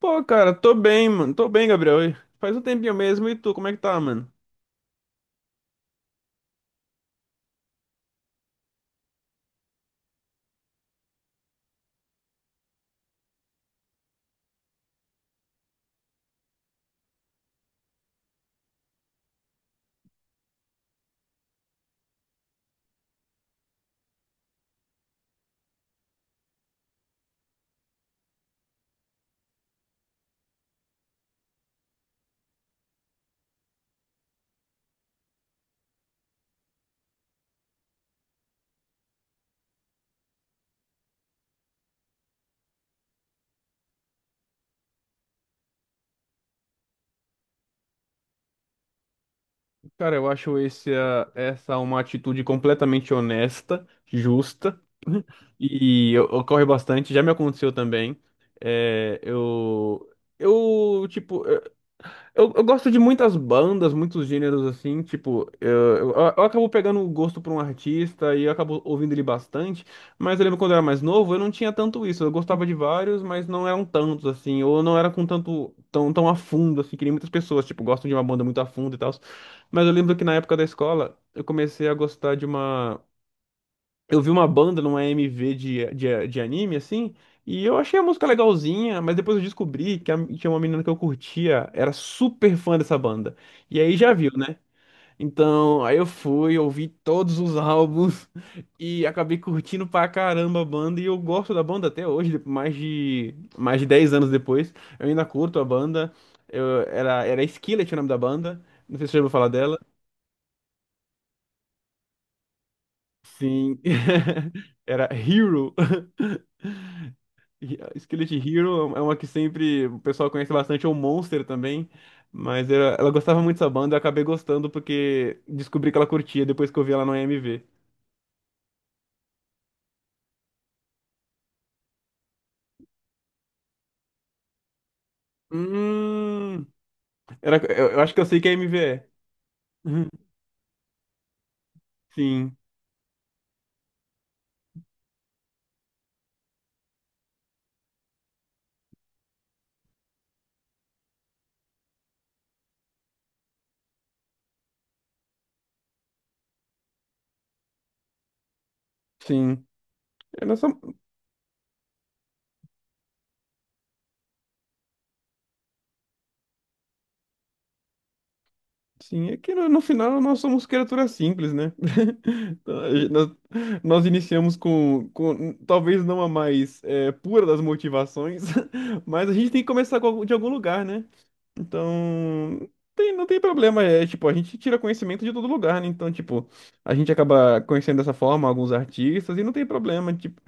Pô, cara, tô bem, mano. Tô bem, Gabriel. E faz um tempinho mesmo. E tu, como é que tá, mano? Cara, eu acho essa uma atitude completamente honesta, justa ocorre bastante. Já me aconteceu também. É, eu, eu, tipo, eu gosto de muitas bandas, muitos gêneros assim, tipo, eu acabo pegando o gosto por um artista e eu acabo ouvindo ele bastante, mas eu lembro quando eu era mais novo, eu não tinha tanto isso, eu gostava de vários, mas não eram tantos assim, ou não era com tanto, tão a fundo assim, que nem muitas pessoas, tipo, gostam de uma banda muito a fundo e tal, mas eu lembro que na época da escola, eu comecei a gostar de uma, eu vi uma banda numa MV de anime, assim, e eu achei a música legalzinha, mas depois eu descobri tinha uma menina que eu curtia, era super fã dessa banda. E aí já viu, né? Então, aí eu fui, ouvi todos os álbuns e acabei curtindo pra caramba a banda. E eu gosto da banda até hoje, mais de 10 anos depois. Eu ainda curto a banda. Era Skillet o nome da banda. Não sei se você já ouviu falar dela. Sim. Era Hero. Skillet Hero é uma que sempre o pessoal conhece bastante, ou Monster também. Mas ela gostava muito dessa banda, eu acabei gostando porque descobri que ela curtia depois que eu vi ela no AMV. Hum, eu acho que eu sei que é AMV é. Uhum. Sim, sim. É nossa, sim, é que no final nós somos criaturas simples, né? Então, Nós iniciamos com talvez não a mais pura das motivações, mas a gente tem que começar com de algum lugar, né? Então, não tem problema, é tipo, a gente tira conhecimento de todo lugar, né? Então, tipo, a gente acaba conhecendo dessa forma alguns artistas e não tem problema, tipo,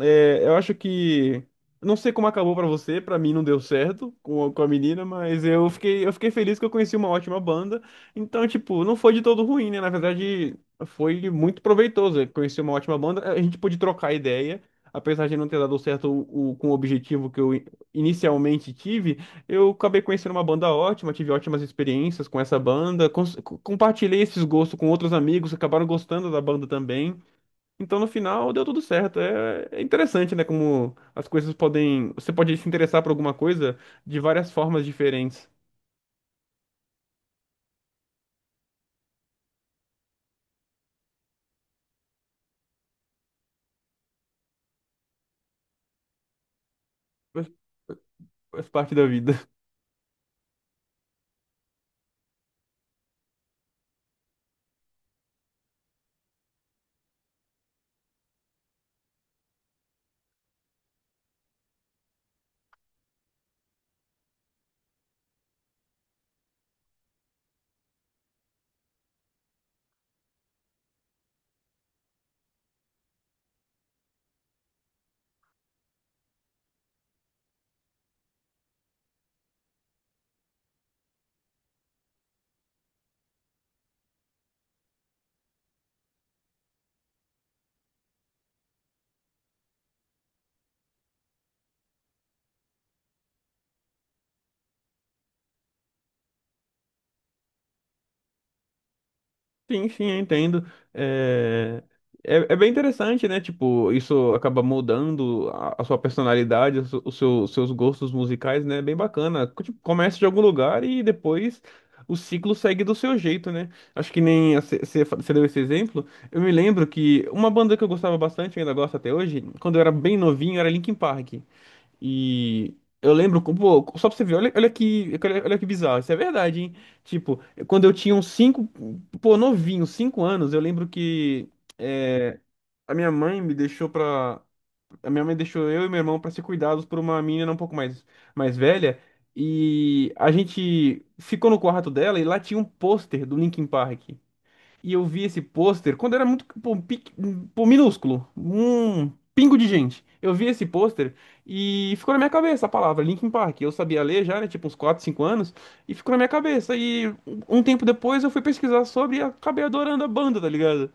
eu acho que. Não sei como acabou pra você, pra mim não deu certo com a, menina, mas eu fiquei feliz que eu conheci uma ótima banda. Então, tipo, não foi de todo ruim, né? Na verdade, foi muito proveitoso. Eu conheci uma ótima banda, a gente pôde trocar ideia. Apesar de não ter dado certo o, com o objetivo que eu inicialmente tive, eu acabei conhecendo uma banda ótima, tive ótimas experiências com essa banda, compartilhei esses gostos com outros amigos, acabaram gostando da banda também. Então, no final, deu tudo certo. É interessante, né? Como as coisas podem. Você pode se interessar por alguma coisa de várias formas diferentes. Faz faz parte da vida. Sim, sim, eu entendo. É... é bem interessante, né? Tipo, isso acaba moldando a sua personalidade, os seus gostos musicais, né? É bem bacana. Tipo, começa de algum lugar e depois o ciclo segue do seu jeito, né? Acho que nem você deu esse exemplo. Eu me lembro que uma banda que eu gostava bastante, ainda gosto até hoje, quando eu era bem novinho, era Linkin Park. E eu lembro, pô, só pra você ver, olha que bizarro, isso é verdade, hein? Tipo, quando eu tinha uns 5 pô, novinho, 5 anos, eu lembro que é, a minha mãe me deixou pra. A minha mãe deixou eu e meu irmão pra ser cuidados por uma menina um pouco mais velha. E a gente ficou no quarto dela e lá tinha um pôster do Linkin Park. E eu vi esse pôster quando era muito, pô, pô, minúsculo, um pingo de gente. Eu vi esse pôster e ficou na minha cabeça a palavra Linkin Park. Eu sabia ler já, né, tipo uns 4 5 anos, e ficou na minha cabeça. E um tempo depois eu fui pesquisar sobre e acabei adorando a banda, tá ligado?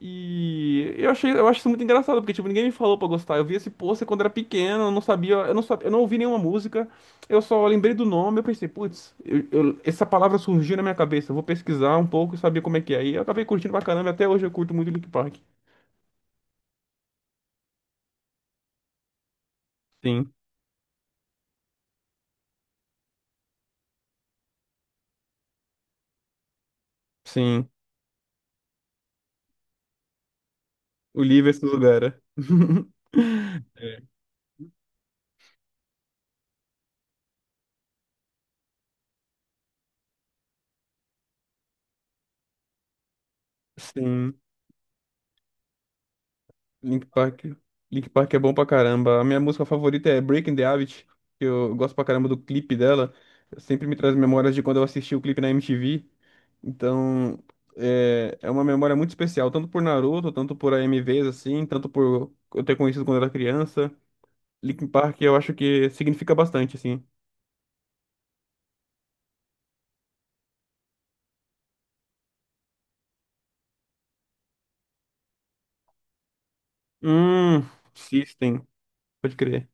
E eu achei, eu acho isso muito engraçado, porque tipo, ninguém me falou pra gostar. Eu vi esse pôster quando era pequeno, eu não sabia, eu não ouvi nenhuma música. Eu só lembrei do nome, eu pensei, putz, essa palavra surgiu na minha cabeça, eu vou pesquisar um pouco e saber como é que é. E eu acabei curtindo pra caramba, e até hoje eu curto muito Linkin Park. Sim, sim. O livro é esse lugar. É. Sim. Link Park. Link Park é bom pra caramba. A minha música favorita é Breaking the Habit, que eu gosto pra caramba do clipe dela. Sempre me traz memórias de quando eu assisti o clipe na MTV. Então, é uma memória muito especial, tanto por Naruto, tanto por AMVs, assim, tanto por eu ter conhecido quando era criança. Linkin Park eu acho que significa bastante, assim. Hum, System, pode crer.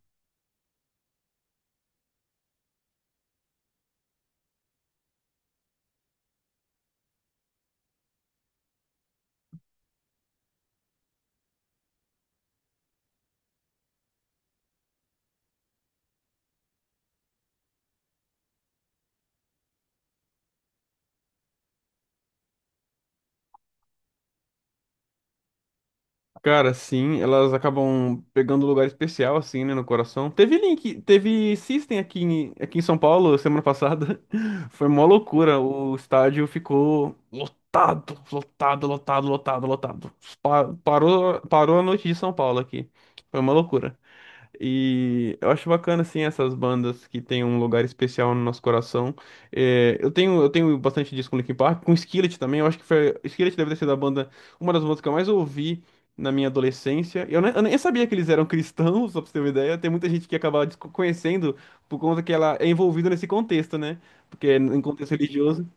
Cara, sim, elas acabam pegando lugar especial, assim, né, no coração. Teve Link, teve System aqui em São Paulo semana passada. Foi uma loucura. O estádio ficou lotado, lotado, lotado, lotado, lotado. Parou a noite de São Paulo aqui. Foi uma loucura. E eu acho bacana, assim, essas bandas que têm um lugar especial no nosso coração. É, eu tenho bastante disco com Linkin Park, com Skillet também. Eu acho que foi, Skillet deve ter sido a banda, uma das bandas que eu mais ouvi na minha adolescência. Eu nem sabia que eles eram cristãos, só pra você ter uma ideia. Tem muita gente que acaba conhecendo por conta que ela é envolvida nesse contexto, né? Porque é em contexto religioso.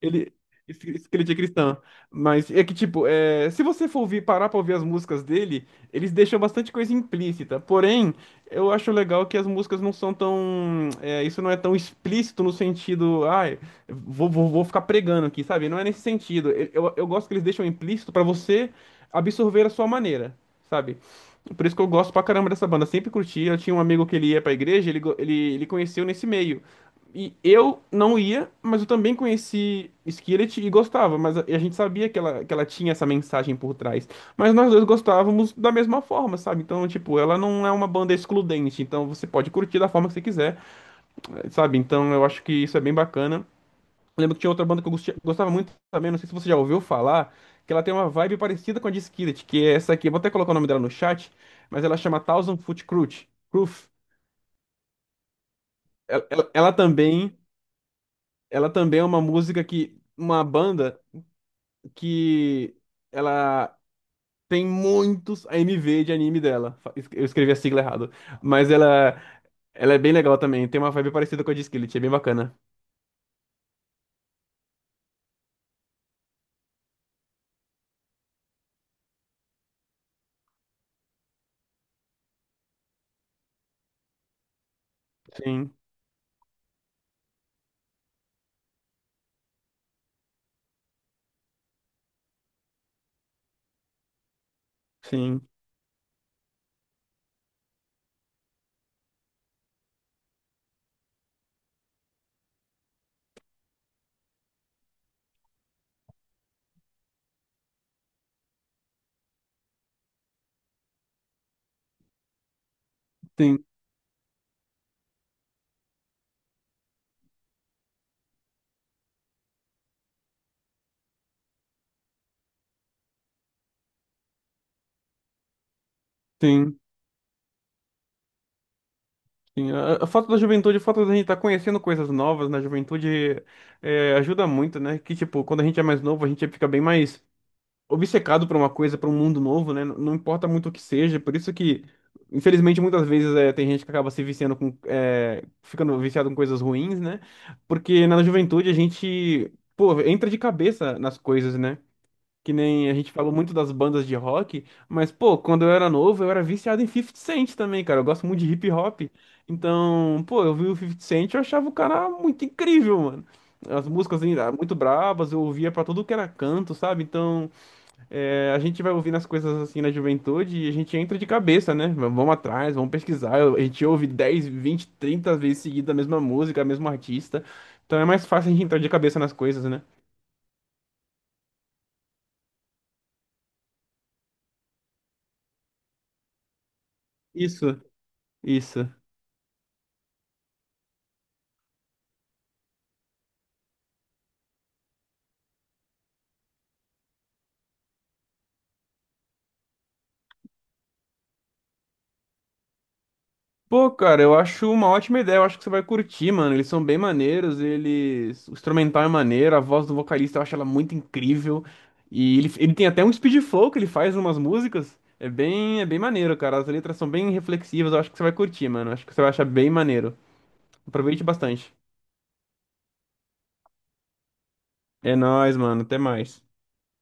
Ele. Isso que cristã. Mas é que, tipo, se você for ouvir, parar pra ouvir as músicas dele, eles deixam bastante coisa implícita. Porém, eu acho legal que as músicas não são tão. Isso não é tão explícito no sentido. Ai, vou ficar pregando aqui, sabe? Não é nesse sentido. Eu gosto que eles deixam implícito pra você absorver a sua maneira, sabe? Por isso que eu gosto pra caramba dessa banda. Sempre curti. Eu tinha um amigo que ele ia pra igreja, ele conheceu nesse meio. E eu não ia, mas eu também conheci Skillet e gostava, mas a gente sabia que ela, tinha essa mensagem por trás. Mas nós dois gostávamos da mesma forma, sabe? Então, tipo, ela não é uma banda excludente, então você pode curtir da forma que você quiser, sabe? Então eu acho que isso é bem bacana. Eu lembro que tinha outra banda que eu gostava muito também, não sei se você já ouviu falar, que ela tem uma vibe parecida com a de Skillet, que é essa aqui, eu vou até colocar o nome dela no chat, mas ela chama Thousand Foot Crutch. Cruf. Ela também. Ela também é uma música que, uma banda que ela tem muitos AMV de anime dela. Eu escrevi a sigla errado, mas ela é bem legal também. Tem uma vibe parecida com a de Skillet, é bem bacana. Sim, sim, sim, sim. Sim, a foto da juventude, a foto da gente estar conhecendo coisas novas na juventude ajuda muito, né? Que, tipo, quando a gente é mais novo, a gente fica bem mais obcecado por uma coisa, por um mundo novo, né? Não importa muito o que seja, por isso que, infelizmente, muitas vezes tem gente que acaba se viciando com, ficando viciado com coisas ruins, né? Porque na juventude a gente, pô, entra de cabeça nas coisas, né? Que nem a gente falou muito das bandas de rock, mas, pô, quando eu era novo, eu era viciado em 50 Cent também, cara. Eu gosto muito de hip hop. Então, pô, eu vi o 50 Cent e eu achava o cara muito incrível, mano. As músicas assim, muito bravas eu ouvia pra tudo que era canto, sabe? Então, a gente vai ouvindo as coisas assim na juventude e a gente entra de cabeça, né? Vamos atrás, vamos pesquisar. A gente ouve 10 20 30 vezes seguida a mesma música, o mesmo artista. Então é mais fácil a gente entrar de cabeça nas coisas, né? Isso, isso. Pô, cara, eu acho uma ótima ideia. Eu acho que você vai curtir, mano. Eles são bem maneiros, eles. O instrumental é maneiro, a voz do vocalista eu acho ela muito incrível. E ele tem até um speed flow que ele faz em umas músicas. É bem maneiro, cara. As letras são bem reflexivas. Eu acho que você vai curtir, mano. Eu acho que você vai achar bem maneiro. Aproveite bastante. É nóis, mano. Até mais.